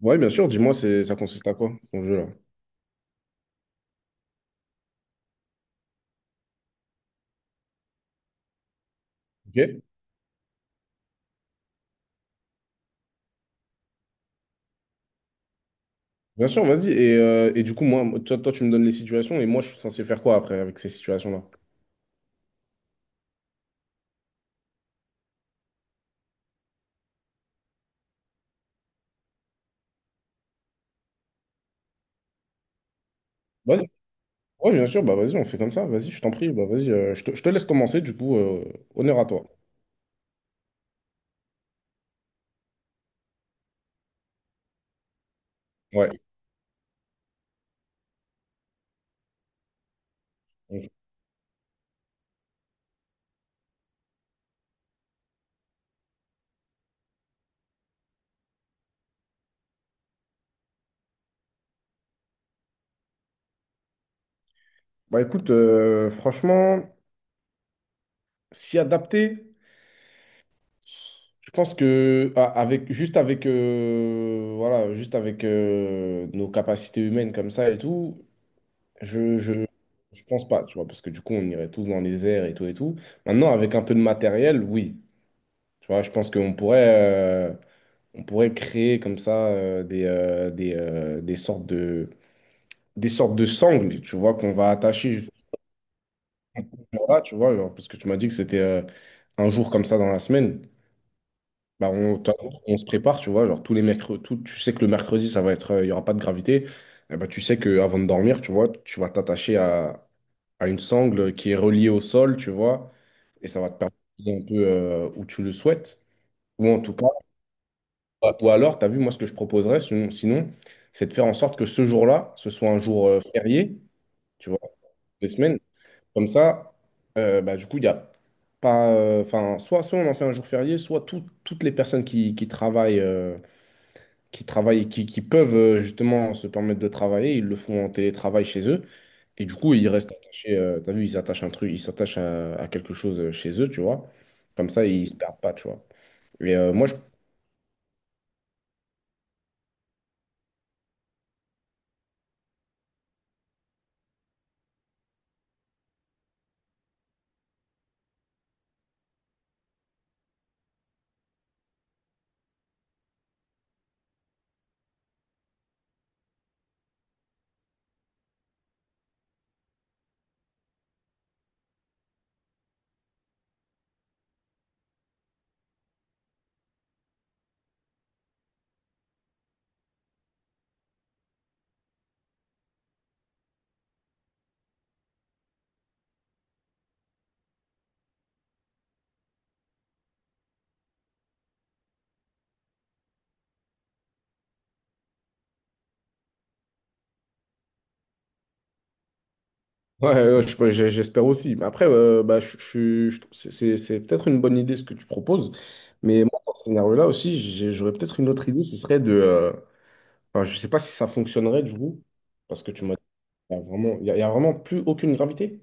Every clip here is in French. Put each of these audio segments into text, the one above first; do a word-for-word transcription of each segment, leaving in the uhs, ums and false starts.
Ouais, bien sûr, dis-moi, c'est, ça consiste à quoi, ton jeu là? Ok? Bien sûr, vas-y. Et, euh, et du coup, moi, toi, toi, tu me donnes les situations et moi, je suis censé faire quoi après avec ces situations-là? Vas-y. Ouais, bien sûr, bah vas-y, on fait comme ça. Vas-y, je t'en prie. Bah vas-y, euh, je te, je te laisse commencer, du coup, euh, honneur à toi. Ouais. Ok. Bah écoute, euh, franchement, s'y adapter, je pense que a- avec juste avec euh, voilà, juste avec euh, nos capacités humaines comme ça et tout. Je, je, je pense pas, tu vois, parce que du coup, on irait tous dans les airs et tout et tout. Maintenant, avec un peu de matériel, oui. Tu vois, je pense qu'on pourrait, euh, on pourrait créer comme ça euh, des, euh, des, euh, des sortes de, des sortes de sangles, tu vois, qu'on va attacher juste là, tu vois, genre, parce que tu m'as dit que c'était euh, un jour comme ça dans la semaine. Bah, on, t'as- on se prépare, tu vois, genre tous les mercredis, tu sais que le mercredi, ça va être, euh, il y n'y aura pas de gravité. Eh bah, tu sais qu'avant de dormir, tu vois, tu vas t'attacher à à une sangle qui est reliée au sol, tu vois, et ça va te permettre d'aller un peu euh, où tu le souhaites. Ou en tout cas, ou alors, tu as vu, moi, ce que je proposerais, sinon, sinon, c'est de faire en sorte que ce jour-là, ce soit un jour euh, férié, tu vois, des semaines. Comme ça, euh, bah, du coup, il y a pas. euh, Enfin, soit, soit on en fait un jour férié, soit tout- toutes les personnes qui, qui travaillent. euh, qui travaillent, qui, qui peuvent euh, justement se permettre de travailler, ils le font en télétravail chez eux. Et du coup, ils restent attachés. euh, T'as vu, ils attachent un truc, ils s'attachent à, à quelque chose euh, chez eux, tu vois. Comme ça, ils se perdent pas, tu vois. Et euh, moi, je- Ouais, ouais, je- je- j'espère aussi. Mais après, euh, bah, je, je- je- c'est c'est- c'est peut-être une bonne idée ce que tu proposes. Mais moi, dans ce scénario-là aussi, j'ai- j'aurais peut-être une autre idée. Ce serait de. euh, Enfin, je sais pas si ça fonctionnerait, du coup. Parce que tu m'as dit, il y a vraiment, il y a, il y a vraiment plus aucune gravité.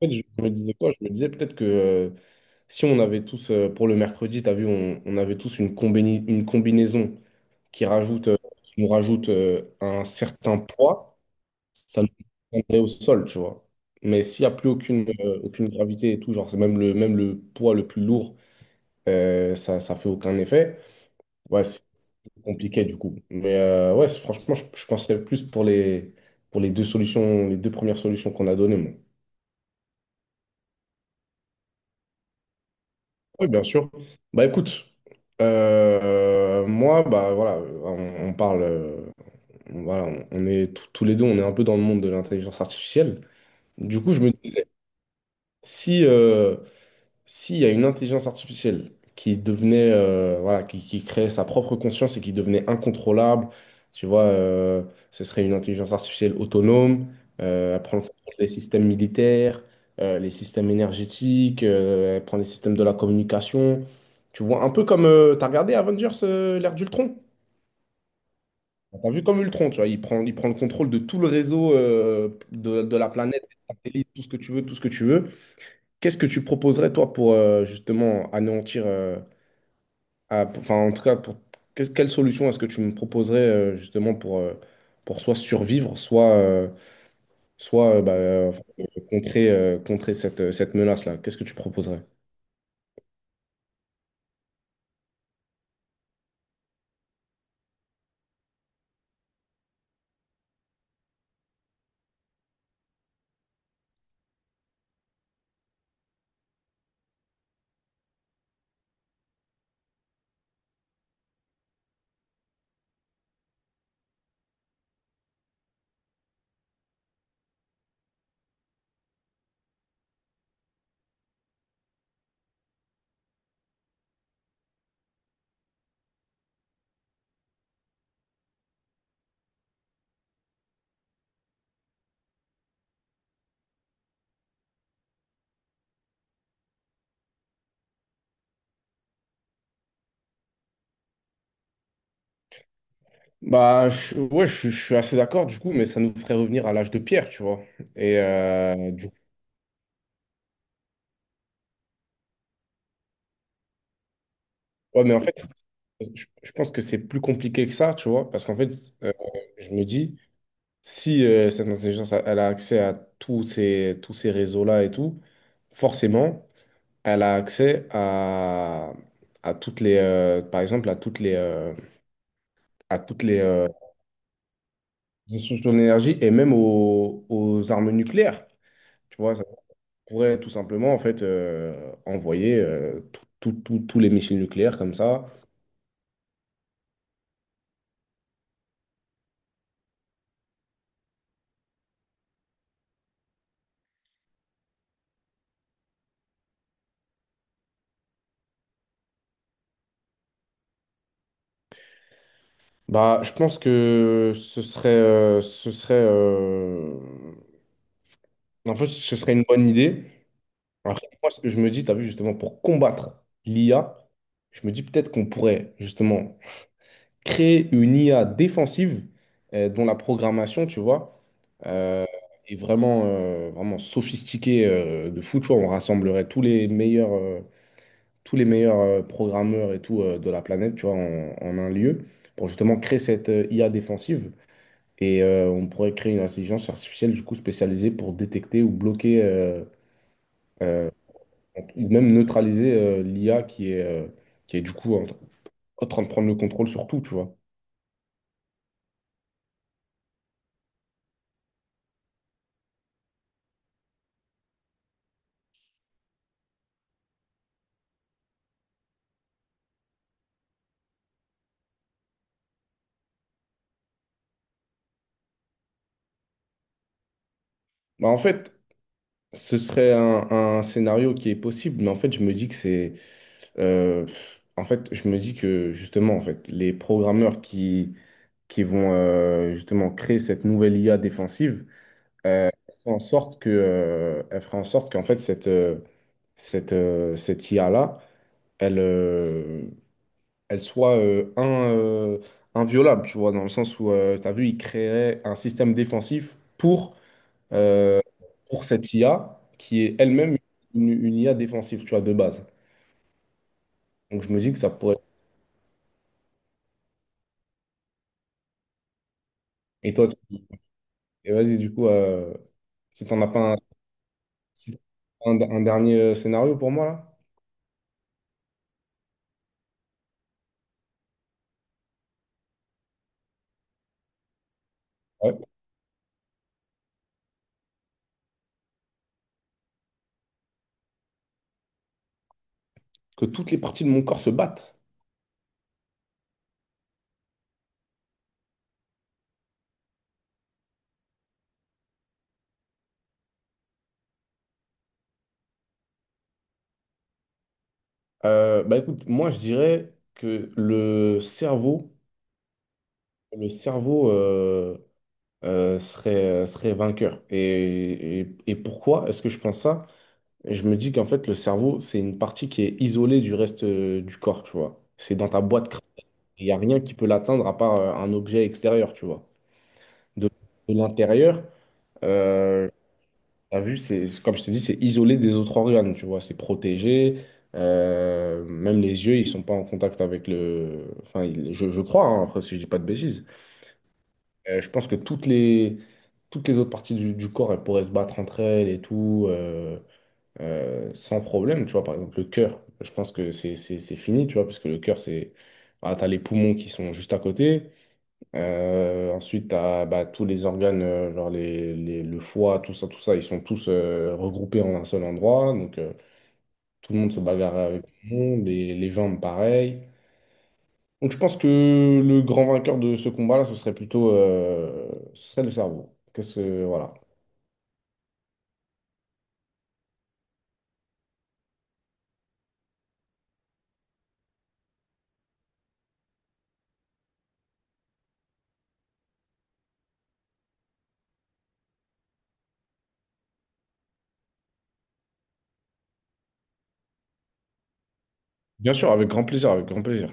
Fait, je me disais quoi? Je me disais peut-être que euh, si on avait tous, euh, pour le mercredi, tu as vu, on, on avait tous une combini- une combinaison qui rajoute, euh, qui nous rajoute euh, un certain poids, ça nous prendrait au sol, tu vois. Mais s'il n'y a plus aucune, euh, aucune gravité et tout, genre c'est même le, même le poids le plus lourd, euh, ça, ça fait aucun effet. Ouais, c'est compliqué du coup. Mais euh, ouais, c'est- franchement, je, je penserais plus pour les, pour les deux solutions, les deux premières solutions qu'on a données, moi. Oui, bien sûr. Bah écoute, euh, moi, bah voilà, on, on parle, euh, voilà, on, on est tous tous les deux, on est un peu dans le monde de l'intelligence artificielle. Du coup, je me disais, si, euh, s'il y a une intelligence artificielle qui devenait, euh, voilà, qui, qui créait sa propre conscience et qui devenait incontrôlable, tu vois, euh, ce serait une intelligence artificielle autonome, euh, elle prend le contrôle des systèmes militaires, euh, les systèmes énergétiques, euh, elle prend les systèmes de la communication. Tu vois, un peu comme, euh, t'as regardé Avengers, euh, l'ère d'Ultron? T'as vu comme Ultron, tu vois, il prend, il prend le contrôle de tout le réseau, euh, de, de la planète, des satellites, tout ce que tu veux, tout ce que tu veux. Qu'est-ce que tu proposerais, toi, pour euh, justement anéantir, euh, à- enfin, en tout cas, pour, qu'est-ce- quelle solution est-ce que tu me proposerais, euh, justement, pour, euh, pour soit survivre, soit, euh, soit euh, bah, euh, enfin, euh, contrer, euh, contrer cette, euh, cette menace-là? Qu'est-ce que tu proposerais? Bah, je- ouais, je, je suis assez d'accord, du coup, mais ça nous ferait revenir à l'âge de pierre, tu vois. Et euh, du coup, ouais, mais en fait, je, je pense que c'est plus compliqué que ça, tu vois, parce qu'en fait, euh, je me dis. Si euh, cette intelligence, elle a accès à tous ces, tous ces réseaux-là et tout, forcément, elle a accès à, à toutes les, euh, par exemple, à toutes les, euh, à toutes les euh, les sources d'énergie et même aux, aux armes nucléaires. Tu vois, ça pourrait tout simplement en fait euh, envoyer euh, tout- tout- tout- tous les missiles nucléaires comme ça. Bah, je pense que ce serait, euh, ce serait, euh, en fait, ce serait une bonne idée. Après, moi, ce que je me dis, tu as vu, justement, pour combattre l'I A, je me dis peut-être qu'on pourrait, justement, créer une I A défensive euh, dont la programmation, tu vois, euh, est vraiment, euh, vraiment sophistiquée euh, de fou, tu vois. On rassemblerait tous les meilleurs, euh, tous les meilleurs euh, programmeurs et tout euh, de la planète, tu vois, en, en un lieu pour justement créer cette euh, I A défensive. Et euh, on pourrait créer une intelligence artificielle, du coup, spécialisée pour détecter ou bloquer... euh, euh, donc, même neutraliser euh, l'I A qui est, euh, qui est du coup en, en train de prendre le contrôle sur tout, tu vois. Bah, en fait, ce serait un, un scénario qui est possible, mais en fait, je me dis que c'est... euh, en fait, je me dis que justement, en fait, les programmeurs qui, qui vont euh, justement créer cette nouvelle I A défensive euh, font en sorte que, euh, elle fera en sorte qu'en fait, cette, euh, cette, euh, cette I A-là, elle, euh, elle soit euh, in- euh, inviolable, tu vois, dans le sens où, tu as vu, il créerait un système défensif pour, euh, pour cette I A qui est elle-même une, une I A défensive, tu vois, de base. Donc je me dis que ça pourrait... Et toi, tu- et vas-y, du coup, euh, si t'en as pas un, si t'as un, un dernier euh, scénario pour moi, là. Ouais. Que toutes les parties de mon corps se battent. Euh, bah écoute, moi je dirais que le cerveau, le cerveau, euh, serait, euh, serait vainqueur. Et, et- et pourquoi est-ce que je pense ça? Je me dis qu'en fait, le cerveau, c'est une partie qui est isolée du reste euh, du corps, tu vois. C'est dans ta boîte crânienne. Il n'y a rien qui peut l'atteindre à part euh, un objet extérieur, tu vois. De, de l'intérieur, euh, t'as vu, c'est, c'est- comme je te dis, c'est isolé des autres organes, tu vois. C'est protégé. Euh, même les yeux, ils sont pas en contact avec le. Enfin, il- je, je crois, hein, après, si je dis pas de bêtises. Euh, je pense que toutes les, toutes les autres parties du, du corps, elles pourraient se battre entre elles et tout, euh, euh, sans problème, tu vois. Par exemple, le cœur, je pense que c'est c'est- c'est fini, tu vois, parce que le cœur, c'est... Voilà, t'as les poumons qui sont juste à côté. Euh, ensuite, t'as bah, tous les organes, euh, genre les, les- le foie, tout ça, tout ça, ils sont tous euh, regroupés en un seul endroit. Donc, euh, tout le monde se bagarre avec tout le monde, les, les jambes, pareil. Donc je pense que le grand vainqueur de ce combat-là, ce serait plutôt euh, ce serait le cerveau. Qu'est-ce que- voilà. Bien sûr, avec grand plaisir, avec grand plaisir.